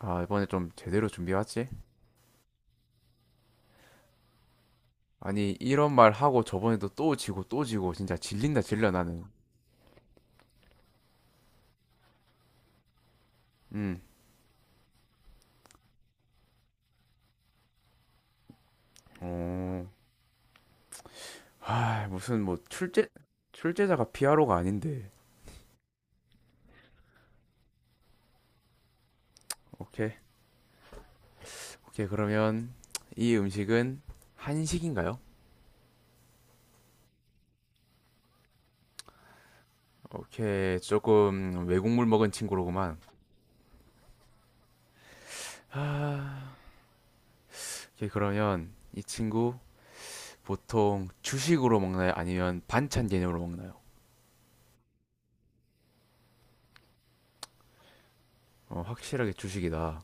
아, 이번에 좀 제대로 준비해왔지? 아니, 이런 말 하고 저번에도 또 지고 또 지고 진짜 질린다 질려 나는. 음. 어. 무슨 뭐 출제자가 피아로가 아닌데. 오케이. 오케이. 그러면 이 음식은 한식인가요? 오케이. 조금 외국물 먹은 친구로구만. 하... 오케이. 그러면 이 친구 보통 주식으로 먹나요? 아니면 반찬 개념으로 먹나요? 어, 확실하게 주식이다.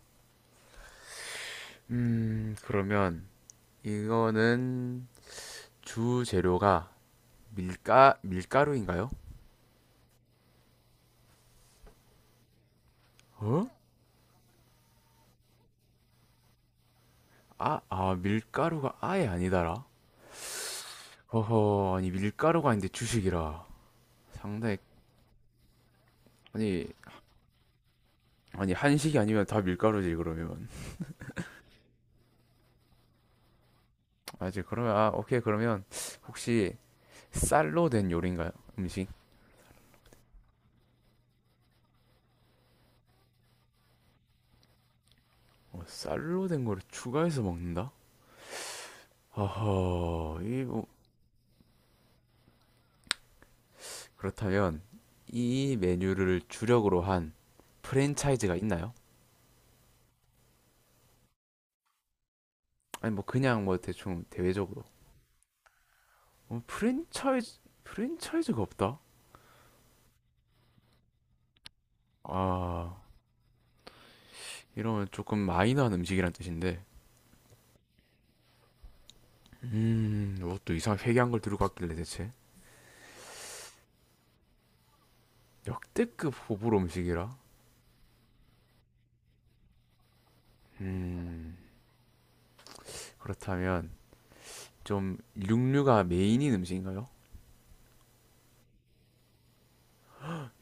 그러면 이거는 주 재료가 밀가루인가요? 어? 아, 밀가루가 아예 아니다라. 허허, 아니 밀가루가 아닌데 주식이라. 상당히 아니 아니 한식이 아니면 다 밀가루지 그러면. 그러면 오케이 그러면 혹시 쌀로 된 요리인가요? 음식? 어, 쌀로 된 거를 추가해서 먹는다? 허허, 이뭐 그렇다면 이 메뉴를 주력으로 한 프랜차이즈가 있나요? 아니 뭐 그냥 뭐 대충 대외적으로. 어, 프랜차이즈가 없다. 아 이러면 조금 마이너한 음식이란 뜻인데. 이것도 이상 회개한 걸 들고 왔길래 대체 역대급 호불호 음식이라. 음 그렇다면 좀 육류가 메인인 음식인가요?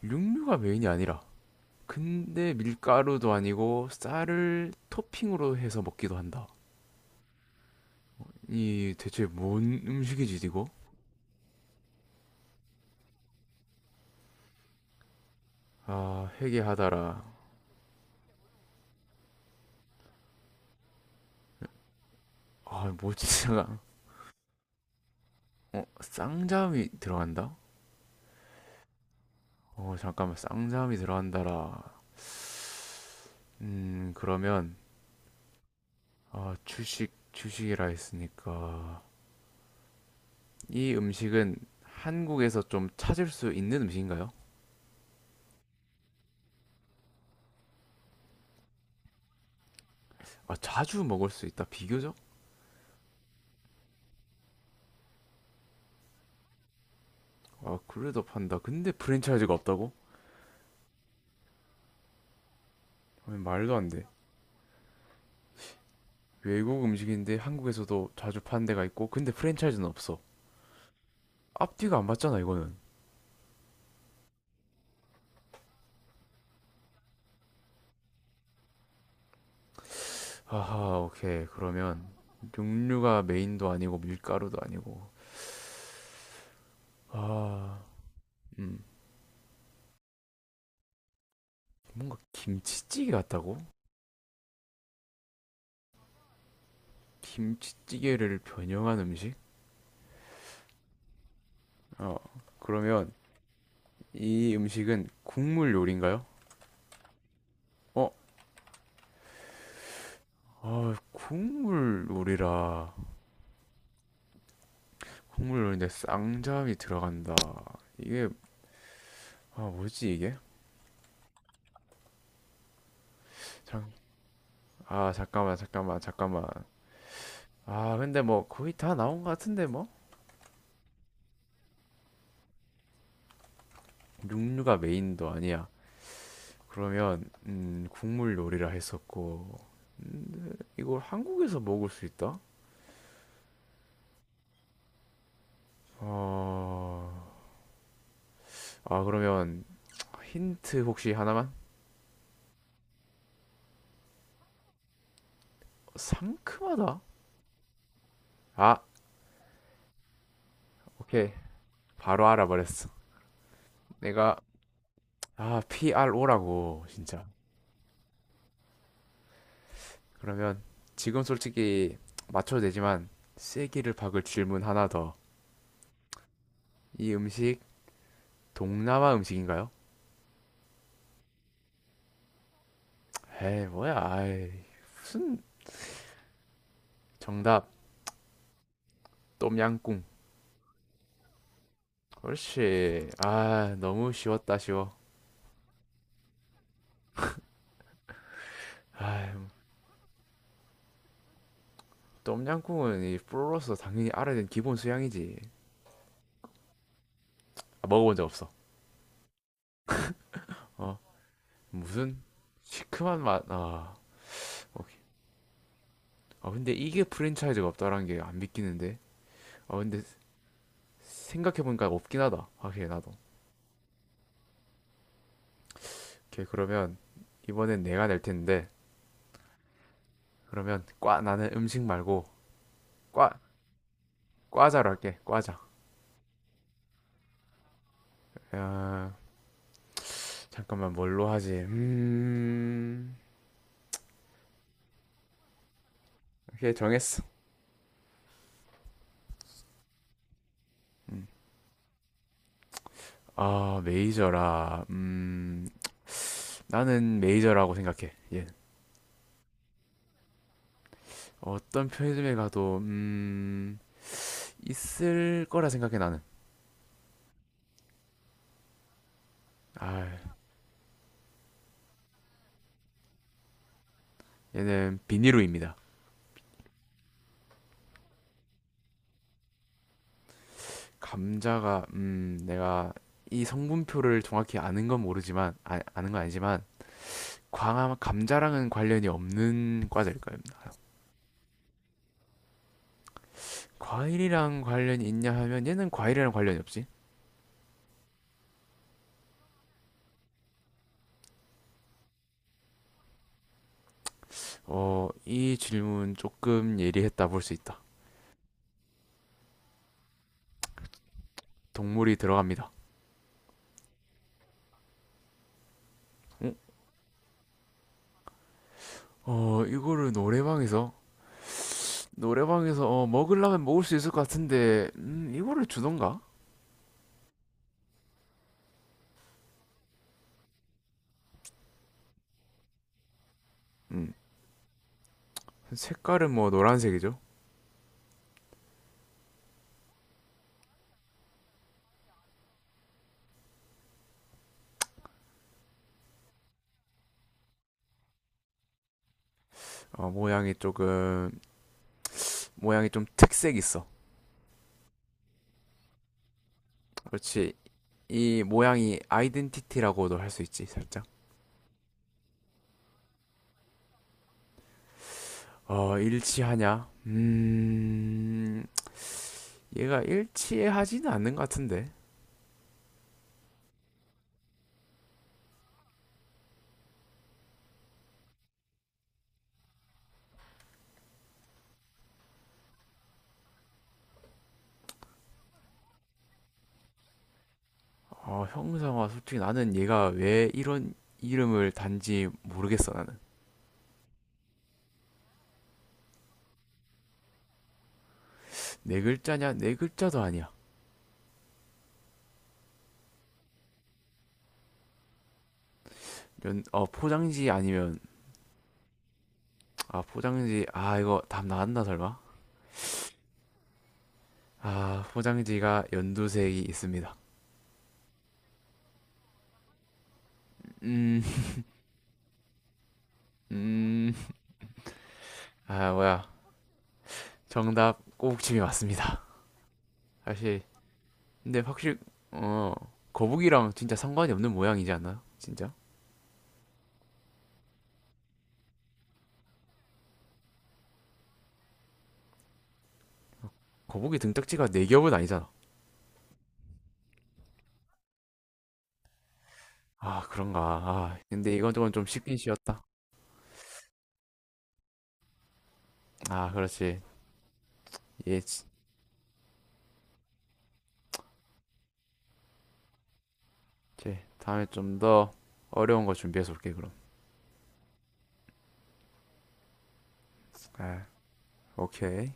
육류가 메인이 아니라. 근데 밀가루도 아니고 쌀을 토핑으로 해서 먹기도 한다. 이 대체 뭔 음식이지 이거? 아 회개하다라. 아 뭐지? 제가. 어 쌍잠이 들어간다? 어, 잠깐만, 쌍잠이 들어간다라. 그러면, 아, 주식이라 했으니까. 이 음식은 한국에서 좀 찾을 수 있는 음식인가요? 아, 자주 먹을 수 있다, 비교적? 아, 그래도 판다. 근데 프랜차이즈가 없다고? 아니, 말도 안 돼. 외국 음식인데 한국에서도 자주 파는 데가 있고, 근데 프랜차이즈는 없어. 앞뒤가 안 맞잖아, 이거는. 아하, 오케이. 그러면, 육류가 메인도 아니고, 밀가루도 아니고. 아, 음. 뭔가 김치찌개 같다고? 김치찌개를 변형한 음식? 어, 그러면 이 음식은 국물 요리인가요? 어, 아, 국물 요리라. 국물 요리인데 쌍잠이 들어간다. 이게, 아, 뭐지 이게? 잠, 아, 잠깐만, 잠깐만. 아, 근데 뭐 거의 다 나온 것 같은데 뭐? 육류가 메인도 아니야. 그러면, 국물 요리라 했었고, 이걸 한국에서 먹을 수 있다? 어, 아, 그러면 힌트 혹시 하나만? 상큼하다? 아, 오케이. 바로 알아버렸어. 내가, 아, PRO라고, 진짜. 그러면, 지금 솔직히 맞춰도 되지만, 쐐기를 박을 질문 하나 더. 이 음식, 동남아 음식인가요? 에이, 뭐야, 아이. 무슨, 정답. 똠양꿍. 그렇지. 아, 너무 쉬웠다, 쉬워. 아, 똠양꿍은 이 프로로서 당연히 알아야 되는 기본 수양이지. 아, 먹어본 적 없어. 어. 무슨 시큼한 맛. 아, 오케이. 아 근데 이게 프랜차이즈가 없다라는 게 안 믿기는데. 아 근데 생각해 보니까 없긴 하다. 확실히 나도. 오케이 그러면 이번엔 내가 낼 텐데 그러면 과 나는 음식 말고 과 과자로 할게. 과자. 야, 잠깐만 뭘로 하지? 음. 오케이 정했어. 음. 아 메이저라. 나는 메이저라고 생각해. 얘 어떤 편의점에 가도 있을 거라 생각해 나는. 아, 얘는 비니루입니다. 감자가 내가 이 성분표를 정확히 아는 건 모르지만 아, 아는 건 아니지만 광 감자랑은 관련이 없는 과자일 겁니다. 과일이랑 관련이 있냐 하면 얘는 과일이랑 관련이 없지. 어, 이 질문 조금 예리했다 볼 수 있다. 동물이 들어갑니다. 어? 어, 이거를 노래방에서 어, 먹으려면 먹을 수 있을 것 같은데 이거를 주던가? 음, 색깔은 뭐 노란색이죠. 어, 모양이 조금 모양이 좀 특색 있어. 그렇지. 이 모양이 아이덴티티라고도 할 수 있지, 살짝. 어, 일치하냐? 얘가 일치하지는 않는 것 같은데. 어, 형상화, 솔직히 나는 얘가 왜 이런 이름을 단지 모르겠어, 나는. 네 글자냐? 네 글자도 아니야. 연, 어, 포장지 아니면, 아, 포장지, 아, 이거 답 나왔나, 설마? 아, 포장지가 연두색이 있습니다. 음, 음, 아, 뭐야. 정답, 꼬북칩이 맞습니다. 사실 근데 확실히 어 거북이랑 진짜 상관이 없는 모양이지 않나? 요 진짜? 거북이 등딱지가 네 겹은 아니잖아. 아 그런가. 아 근데 이건 조금 좀 쉽긴 쉬웠다. 아 그렇지. 예, 지- 이제 다음에 좀 더 어려운 거 준비해서 올게 그럼. 아 오케이.